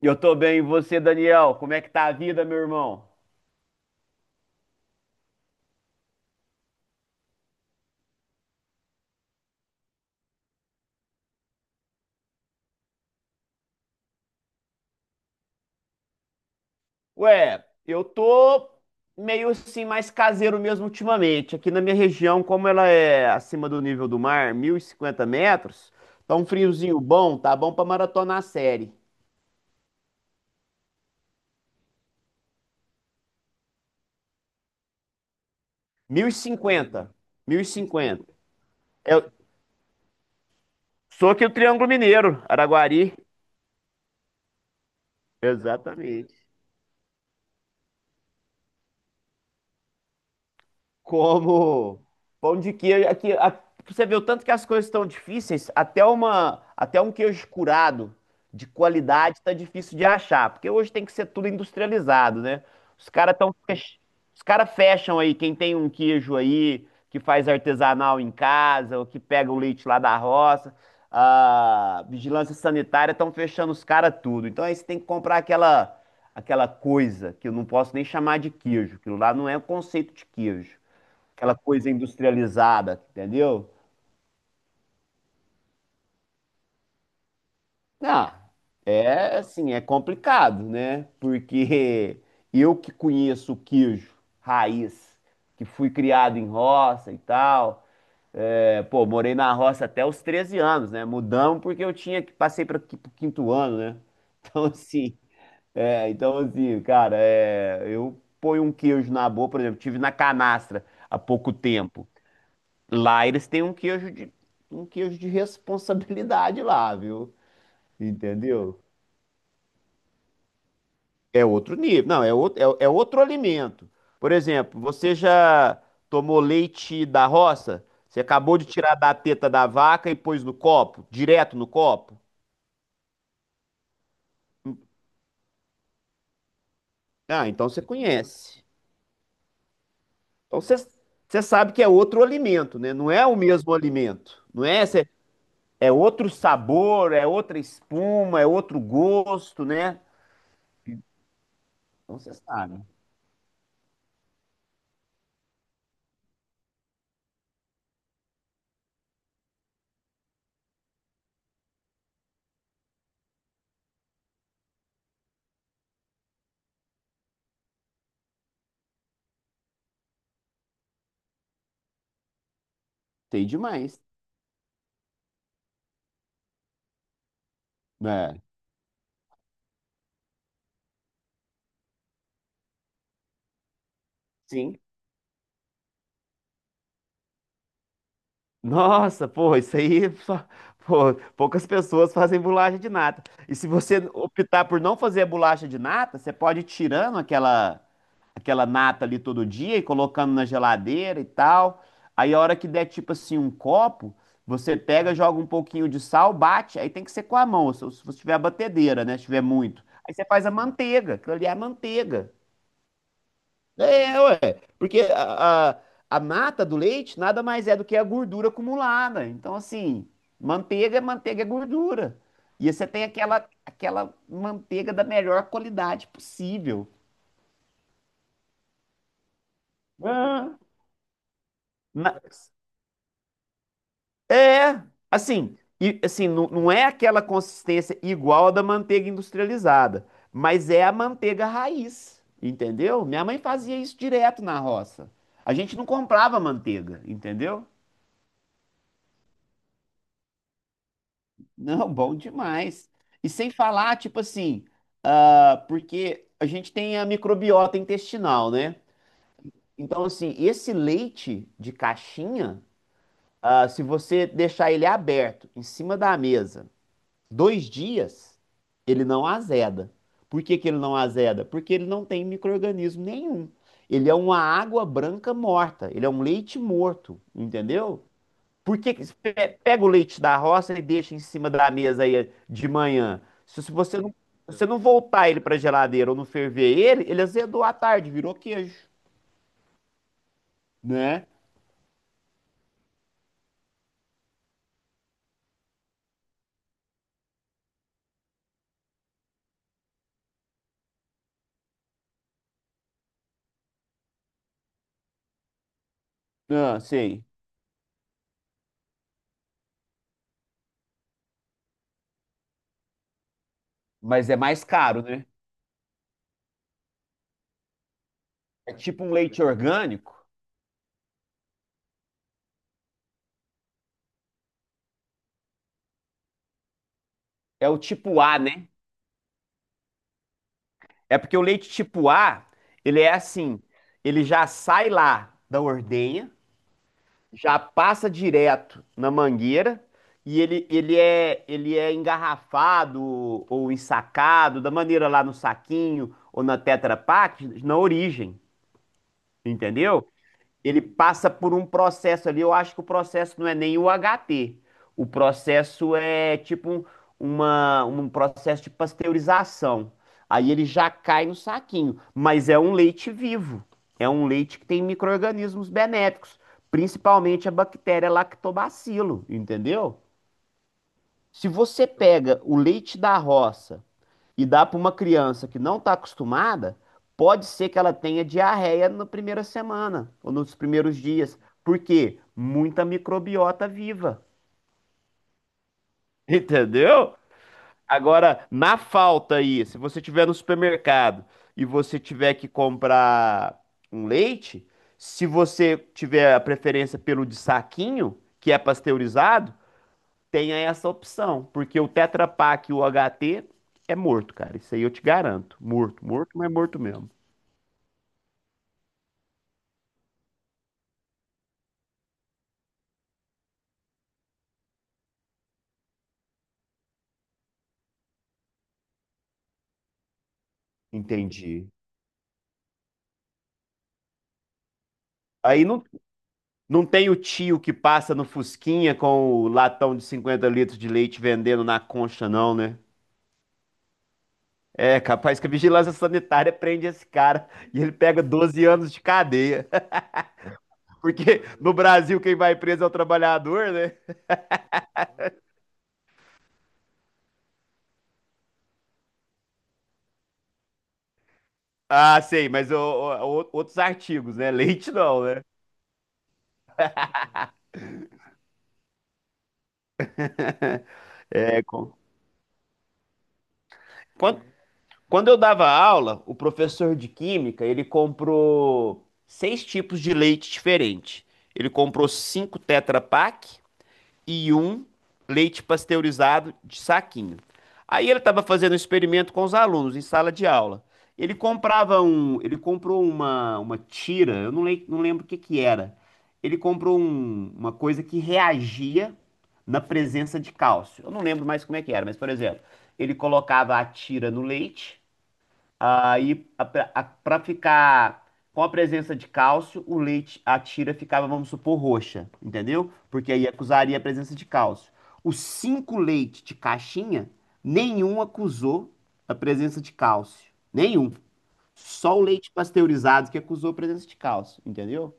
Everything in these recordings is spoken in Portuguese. Eu tô bem, e você, Daniel? Como é que tá a vida, meu irmão? Eu tô meio assim, mais caseiro mesmo ultimamente. Aqui na minha região, como ela é acima do nível do mar, 1.050 metros, tá um friozinho bom, tá bom pra maratonar a série. 1.050, 1.050. Eu sou aqui do Triângulo Mineiro, Araguari. Exatamente. Como pão de queijo. Você vê o tanto que as coisas estão difíceis, até um queijo curado de qualidade está difícil de achar, porque hoje tem que ser tudo industrializado, né? Os caras tão, fech- os cara fecham aí, quem tem um queijo aí que faz artesanal em casa ou que pega o leite lá da roça, a vigilância sanitária estão fechando os caras tudo. Então aí você tem que comprar aquela coisa que eu não posso nem chamar de queijo, aquilo lá não é um conceito de queijo, aquela coisa industrializada, entendeu? Não, é assim, é complicado, né? Porque eu que conheço o queijo raiz, que fui criado em roça e tal, é, pô, morei na roça até os 13 anos, né? Mudamos porque eu tinha que passei para o quinto ano, né? Então assim, então assim, cara, é, eu ponho um queijo na boca, por exemplo, tive na canastra há pouco tempo. Lá eles têm um queijo de responsabilidade lá, viu? Entendeu? É outro nível. Não, é outro, é outro alimento. Por exemplo, você já tomou leite da roça? Você acabou de tirar da teta da vaca e pôs no copo? Direto no copo? Ah, então você conhece. Então você, você sabe que é outro alimento, né? Não é o mesmo alimento. Não é? É outro sabor, é outra espuma, é outro gosto, né? Então você sabe. Sei demais. Né? Sim. Nossa, pô, pô, poucas pessoas fazem bolacha de nata. E se você optar por não fazer a bolacha de nata, você pode ir tirando aquela nata ali todo dia e colocando na geladeira e tal. Aí a hora que der tipo assim um copo, você pega, joga um pouquinho de sal, bate. Aí tem que ser com a mão, se você tiver a batedeira, né? Se tiver muito. Aí você faz a manteiga, aquilo ali é a manteiga. É, é, ué, porque a mata do leite nada mais é do que a gordura acumulada. Então, assim, manteiga é gordura. E você tem aquela manteiga da melhor qualidade possível. Ah, mas- é, não é aquela consistência igual a da manteiga industrializada, mas é a manteiga raiz, entendeu? Minha mãe fazia isso direto na roça. A gente não comprava manteiga, entendeu? Não, bom demais. E sem falar, tipo assim, ah, porque a gente tem a microbiota intestinal, né? Então, assim, esse leite de caixinha, ah, se você deixar ele aberto em cima da mesa 2 dias, ele não azeda. Por que que ele não azeda? Porque ele não tem micro-organismo nenhum. Ele é uma água branca morta, ele é um leite morto, entendeu? Por que pega o leite da roça e deixa em cima da mesa aí de manhã? Se você não voltar ele para geladeira ou não ferver ele, ele azedou à tarde, virou queijo, né? Não, sei. Mas é mais caro, né? É tipo um leite orgânico, é o tipo A, né? É porque o leite tipo A, ele é assim, ele já sai lá da ordenha, já passa direto na mangueira e ele é engarrafado ou ensacado da maneira lá no saquinho ou na Tetra Pak na origem, entendeu? Ele passa por um processo ali. Eu acho que o processo não é nem o HT. O processo é tipo um, uma, um processo de pasteurização. Aí ele já cai no saquinho. Mas é um leite vivo. É um leite que tem micro-organismos benéficos, principalmente a bactéria lactobacilo, entendeu? Se você pega o leite da roça e dá para uma criança que não está acostumada, pode ser que ela tenha diarreia na primeira semana ou nos primeiros dias. Por quê? Muita microbiota viva. Entendeu? Agora, na falta aí, se você tiver no supermercado e você tiver que comprar um leite, se você tiver a preferência pelo de saquinho, que é pasteurizado, tenha essa opção, porque o Tetra Pak e o HT é morto, cara. Isso aí eu te garanto. Morto, morto, mas morto mesmo. Entendi. Aí não, não tem o tio que passa no Fusquinha com o latão de 50 litros de leite vendendo na concha, não, né? É capaz que a vigilância sanitária prende esse cara e ele pega 12 anos de cadeia. Porque no Brasil quem vai preso é o trabalhador, né? Ah, sei, mas outros artigos, né? Leite não, né? É, com... Quanto Quando eu dava aula, o professor de química, ele comprou 6 tipos de leite diferentes. Ele comprou 5 Tetra Pak e um leite pasteurizado de saquinho. Aí ele estava fazendo um experimento com os alunos em sala de aula. Ele comprava um, ele comprou uma tira, eu não, lem- não lembro o que que era. Ele comprou uma coisa que reagia na presença de cálcio. Eu não lembro mais como é que era, mas por exemplo, ele colocava a tira no leite. Aí, para ficar com a presença de cálcio, o leite, a tira ficava, vamos supor, roxa, entendeu? Porque aí acusaria a presença de cálcio. Os 5 leites de caixinha, nenhum acusou a presença de cálcio. Nenhum. Só o leite pasteurizado que acusou a presença de cálcio, entendeu?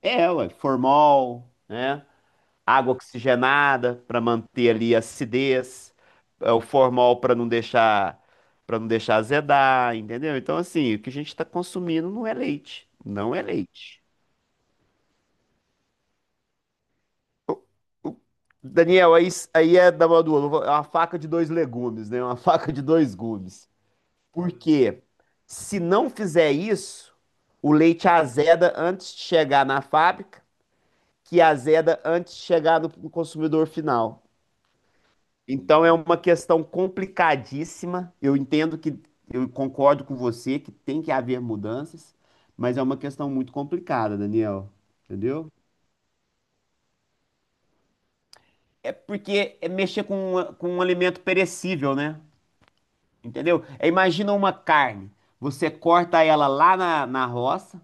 É, ué, formol, né? Água oxigenada para manter ali a acidez, é, o formol para não deixar azedar, entendeu? Então assim, o que a gente está consumindo não é leite, não é leite. O- o- Daniel, aí é da mão do ovo, é uma faca de dois legumes, né? É uma faca de dois gumes. Porque se não fizer isso, o leite azeda antes de chegar na fábrica, que azeda antes de chegar no consumidor final. Então é uma questão complicadíssima. Eu entendo que eu concordo com você que tem que haver mudanças, mas é uma questão muito complicada, Daniel. Entendeu? É porque é mexer com, com um alimento perecível, né? Entendeu? É, imagina uma carne. Você corta ela lá na roça.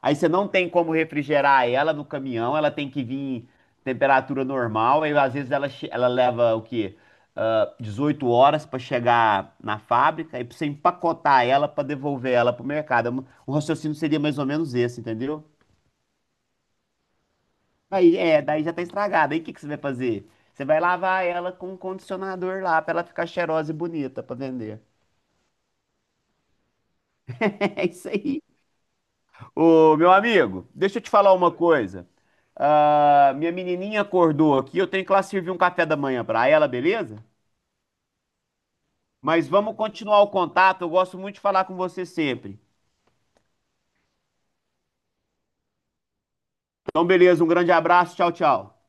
Aí você não tem como refrigerar ela no caminhão, ela tem que vir em temperatura normal. Aí às vezes ela leva o quê? Ah, 18 horas para chegar na fábrica e pra você empacotar ela para devolver ela pro mercado. O raciocínio seria mais ou menos esse, entendeu? Aí é, daí já tá estragada. Aí o que que você vai fazer? Você vai lavar ela com um condicionador lá para ela ficar cheirosa e bonita para vender. É isso aí. Ô, meu amigo, deixa eu te falar uma coisa. Ah, minha menininha acordou aqui, eu tenho que lá servir um café da manhã pra ela, beleza? Mas vamos continuar o contato, eu gosto muito de falar com você sempre. Então, beleza, um grande abraço, tchau, tchau.